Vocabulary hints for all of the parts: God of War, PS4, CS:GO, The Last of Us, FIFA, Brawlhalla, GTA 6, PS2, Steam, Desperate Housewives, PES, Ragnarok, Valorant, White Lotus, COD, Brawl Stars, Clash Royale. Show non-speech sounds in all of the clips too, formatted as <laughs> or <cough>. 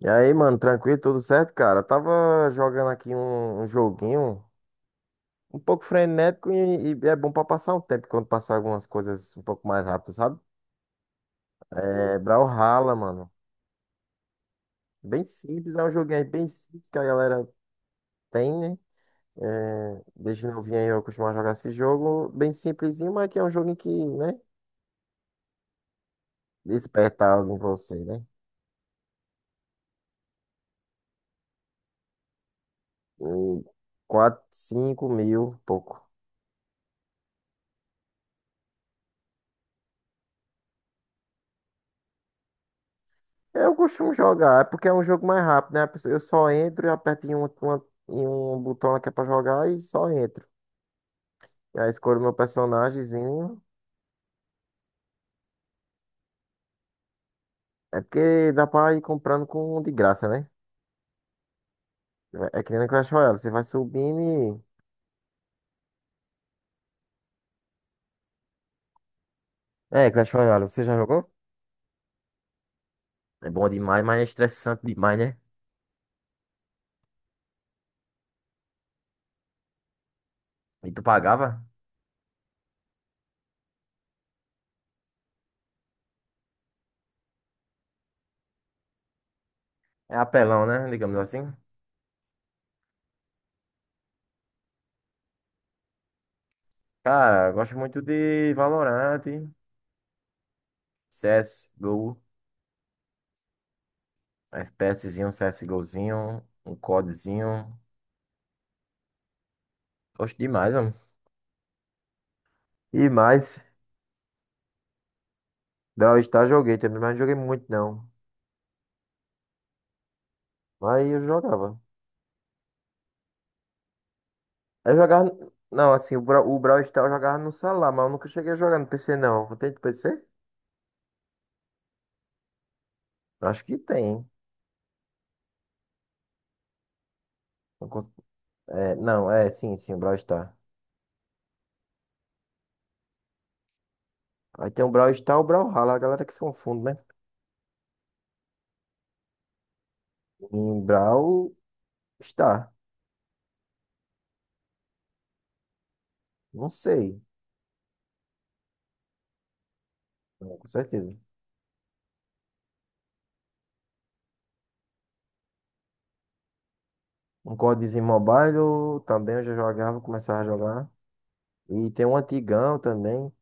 E aí, mano, tranquilo, tudo certo, cara? Eu tava jogando aqui um joguinho um pouco frenético e é bom pra passar o tempo quando passar algumas coisas um pouco mais rápido, sabe? É Brawlhalla, mano. Bem simples, é um joguinho aí bem simples que a galera tem, né? É, desde novinho aí eu costumo jogar esse jogo, bem simplesinho, mas que é um joguinho que, né, desperta algo em você, né? E 4, 5 mil, pouco. Eu costumo jogar, é porque é um jogo mais rápido, né? Eu só entro e aperto em um botão que é pra jogar e só entro. E aí escolho meu personagemzinho. É porque dá pra ir comprando com de graça, né? É que nem no Clash Royale, você vai subindo É, Clash Royale, você já jogou? É bom demais, mas é estressante demais, né? E tu pagava? É apelão, né? Digamos assim. Cara, eu gosto muito de Valorant, CS, Go, FPSzinho, CSGOzinho, um CODzinho. Gosto demais, mano. E mais, Brawl Stars joguei também, mas não joguei muito não. Mas eu jogava. Eu jogava. Não, assim, o Brawl Stars eu jogava no celular, mas eu nunca cheguei a jogar no PC não. Tem de PC? Acho que tem. Hein? Não cons- É, não, é, sim, sim, o Brawl Stars. Aí tem o Brawl Stars e o Brawlhalla, a galera que se confunde, né? Em Brawl Stars. Não sei, não, com certeza. Um CODzinho mobile eu também eu já jogava, começava a jogar. E tem um antigão também.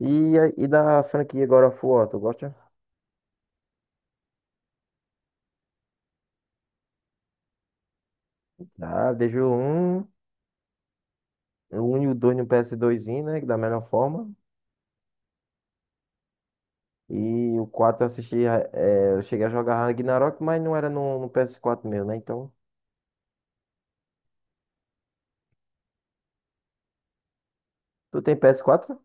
E da franquia God of War, tu gosta? Ah, deixo o 1 e o 2 no PS2zinho, né, que da melhor forma. E o 4 eu assisti. É, eu cheguei a jogar Ragnarok, mas não era no PS4 meu, né? Então. Tu tem PS4?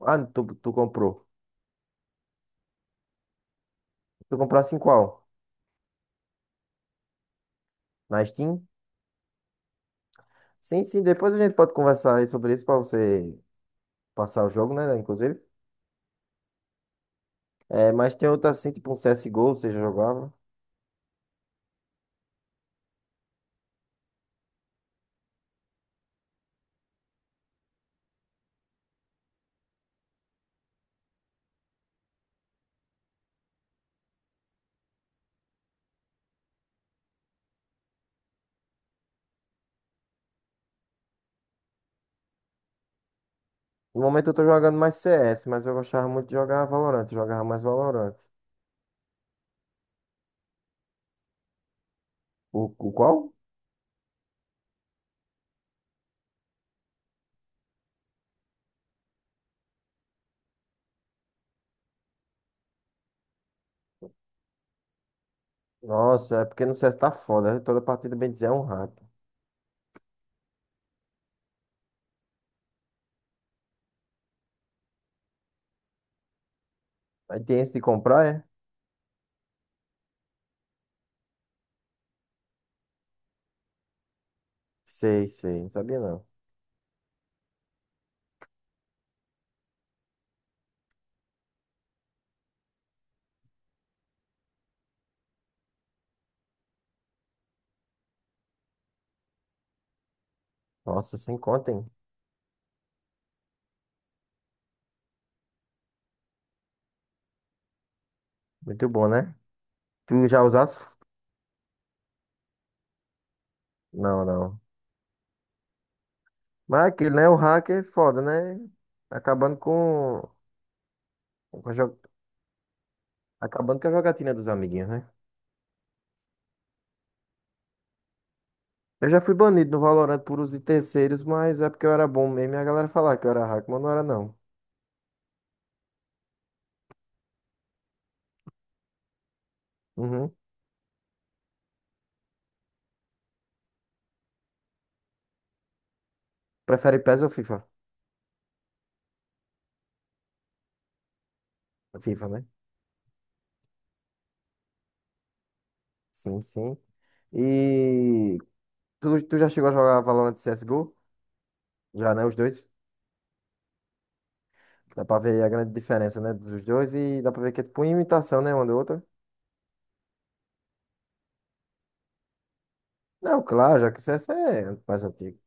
Ah, tu comprou. Tu comprasse em qual? Na Steam? Sim, sim, depois a gente pode conversar aí sobre isso pra você passar o jogo, né? Inclusive. É, mas tem outra assim, tipo um CSGO, você já jogava. No momento eu tô jogando mais CS, mas eu gostava muito de jogar Valorant, eu jogava mais Valorant. O qual? Nossa, é porque no CS tá foda, né? Toda partida, bem dizer, é um rato. Aí tem esse de comprar, é? Sei, sei. Não sabia não. Nossa, sem conta, hein? Muito bom, né? Tu já usasse? Não, não. Mas é aquilo, né? O hacker é foda, né? Acabando com... com a jo- Acabando com a jogatina dos amiguinhos, né? Eu já fui banido no Valorant por uso de terceiros, mas é porque eu era bom mesmo e a galera falava que eu era hacker, mas não era não. Uhum. Prefere PES ou FIFA? FIFA, né? Sim, sim. E tu já chegou a jogar Valorant CSGO? Já, né? Os dois. Dá pra ver a grande diferença, né? Dos dois e dá pra ver que é tipo uma imitação, né? Uma da outra. Não, claro, já que o CS é mais antigo.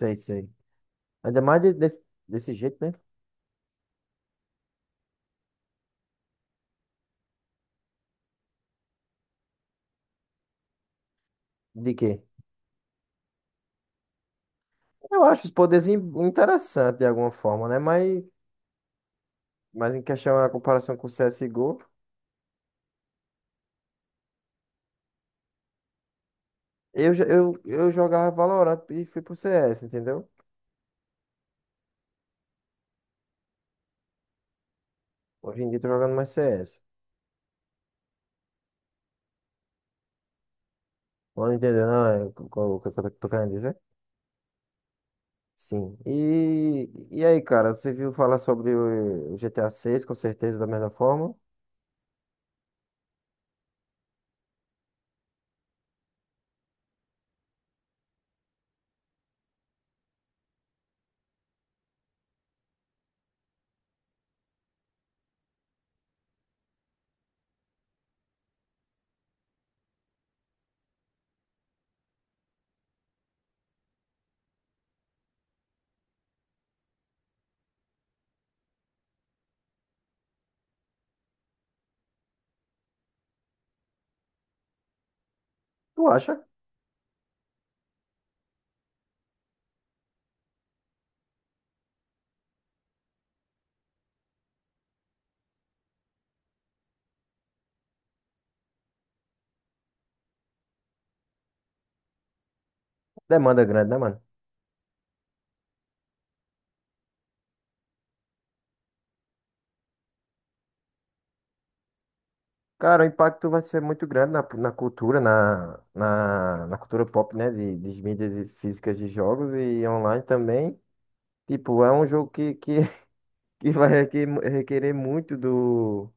Sei, sei. Ainda mais desse jeito, né? De quê? Eu acho os poderes interessantes de alguma forma, né? Mas em questão a comparação com o CSGO, eu jogava Valorant e fui pro CS, entendeu? Hoje em dia eu tô jogando mais CS. Não entendeu, não? É o que eu tô querendo dizer? Sim. E aí, cara, você viu falar sobre o GTA 6, com certeza, da mesma forma? Tu acha? Demanda grande, né, mano? Cara, o impacto vai ser muito grande na cultura, na cultura pop, né? De mídias e físicas de jogos e online também. Tipo, é um jogo <laughs> que vai requerer muito do,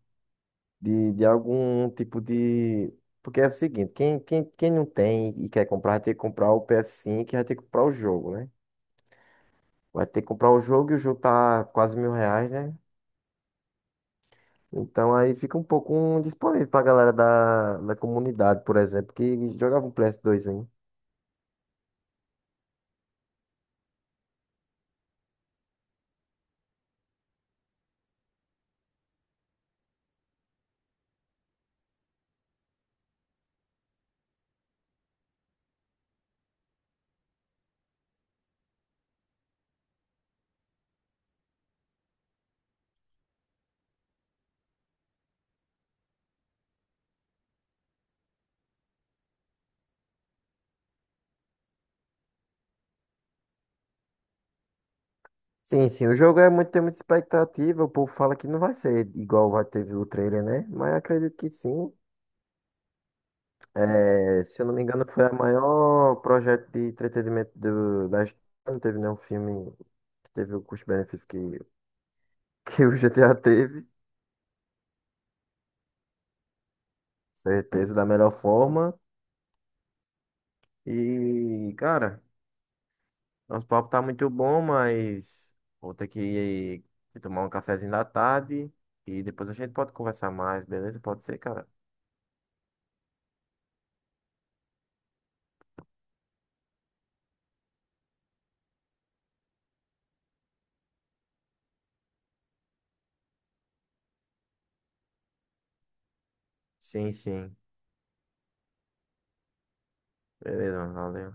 de, de algum tipo de. Porque é o seguinte, quem não tem e quer comprar, vai ter que comprar o PS5 e vai ter que comprar o jogo, né? Vai ter que comprar o jogo e o jogo tá quase R$ 1.000, né? Então aí fica um pouco indisponível pra galera da comunidade, por exemplo, que jogava um PS2 ainda. Sim, sim, o jogo é muito, tem muita expectativa. O povo fala que não vai ser igual vai teve o trailer, né? Mas acredito que sim. É, se eu não me engano, foi o maior projeto de entretenimento da história. Não teve nenhum filme que teve o custo-benefício <laughs> que o GTA teve. Certeza, da melhor forma. E, cara. Nosso papo tá muito bom, mas vou ter que tomar um cafezinho da tarde e depois a gente pode conversar mais, beleza? Pode ser, cara? Sim, sim. Beleza, mano, valeu.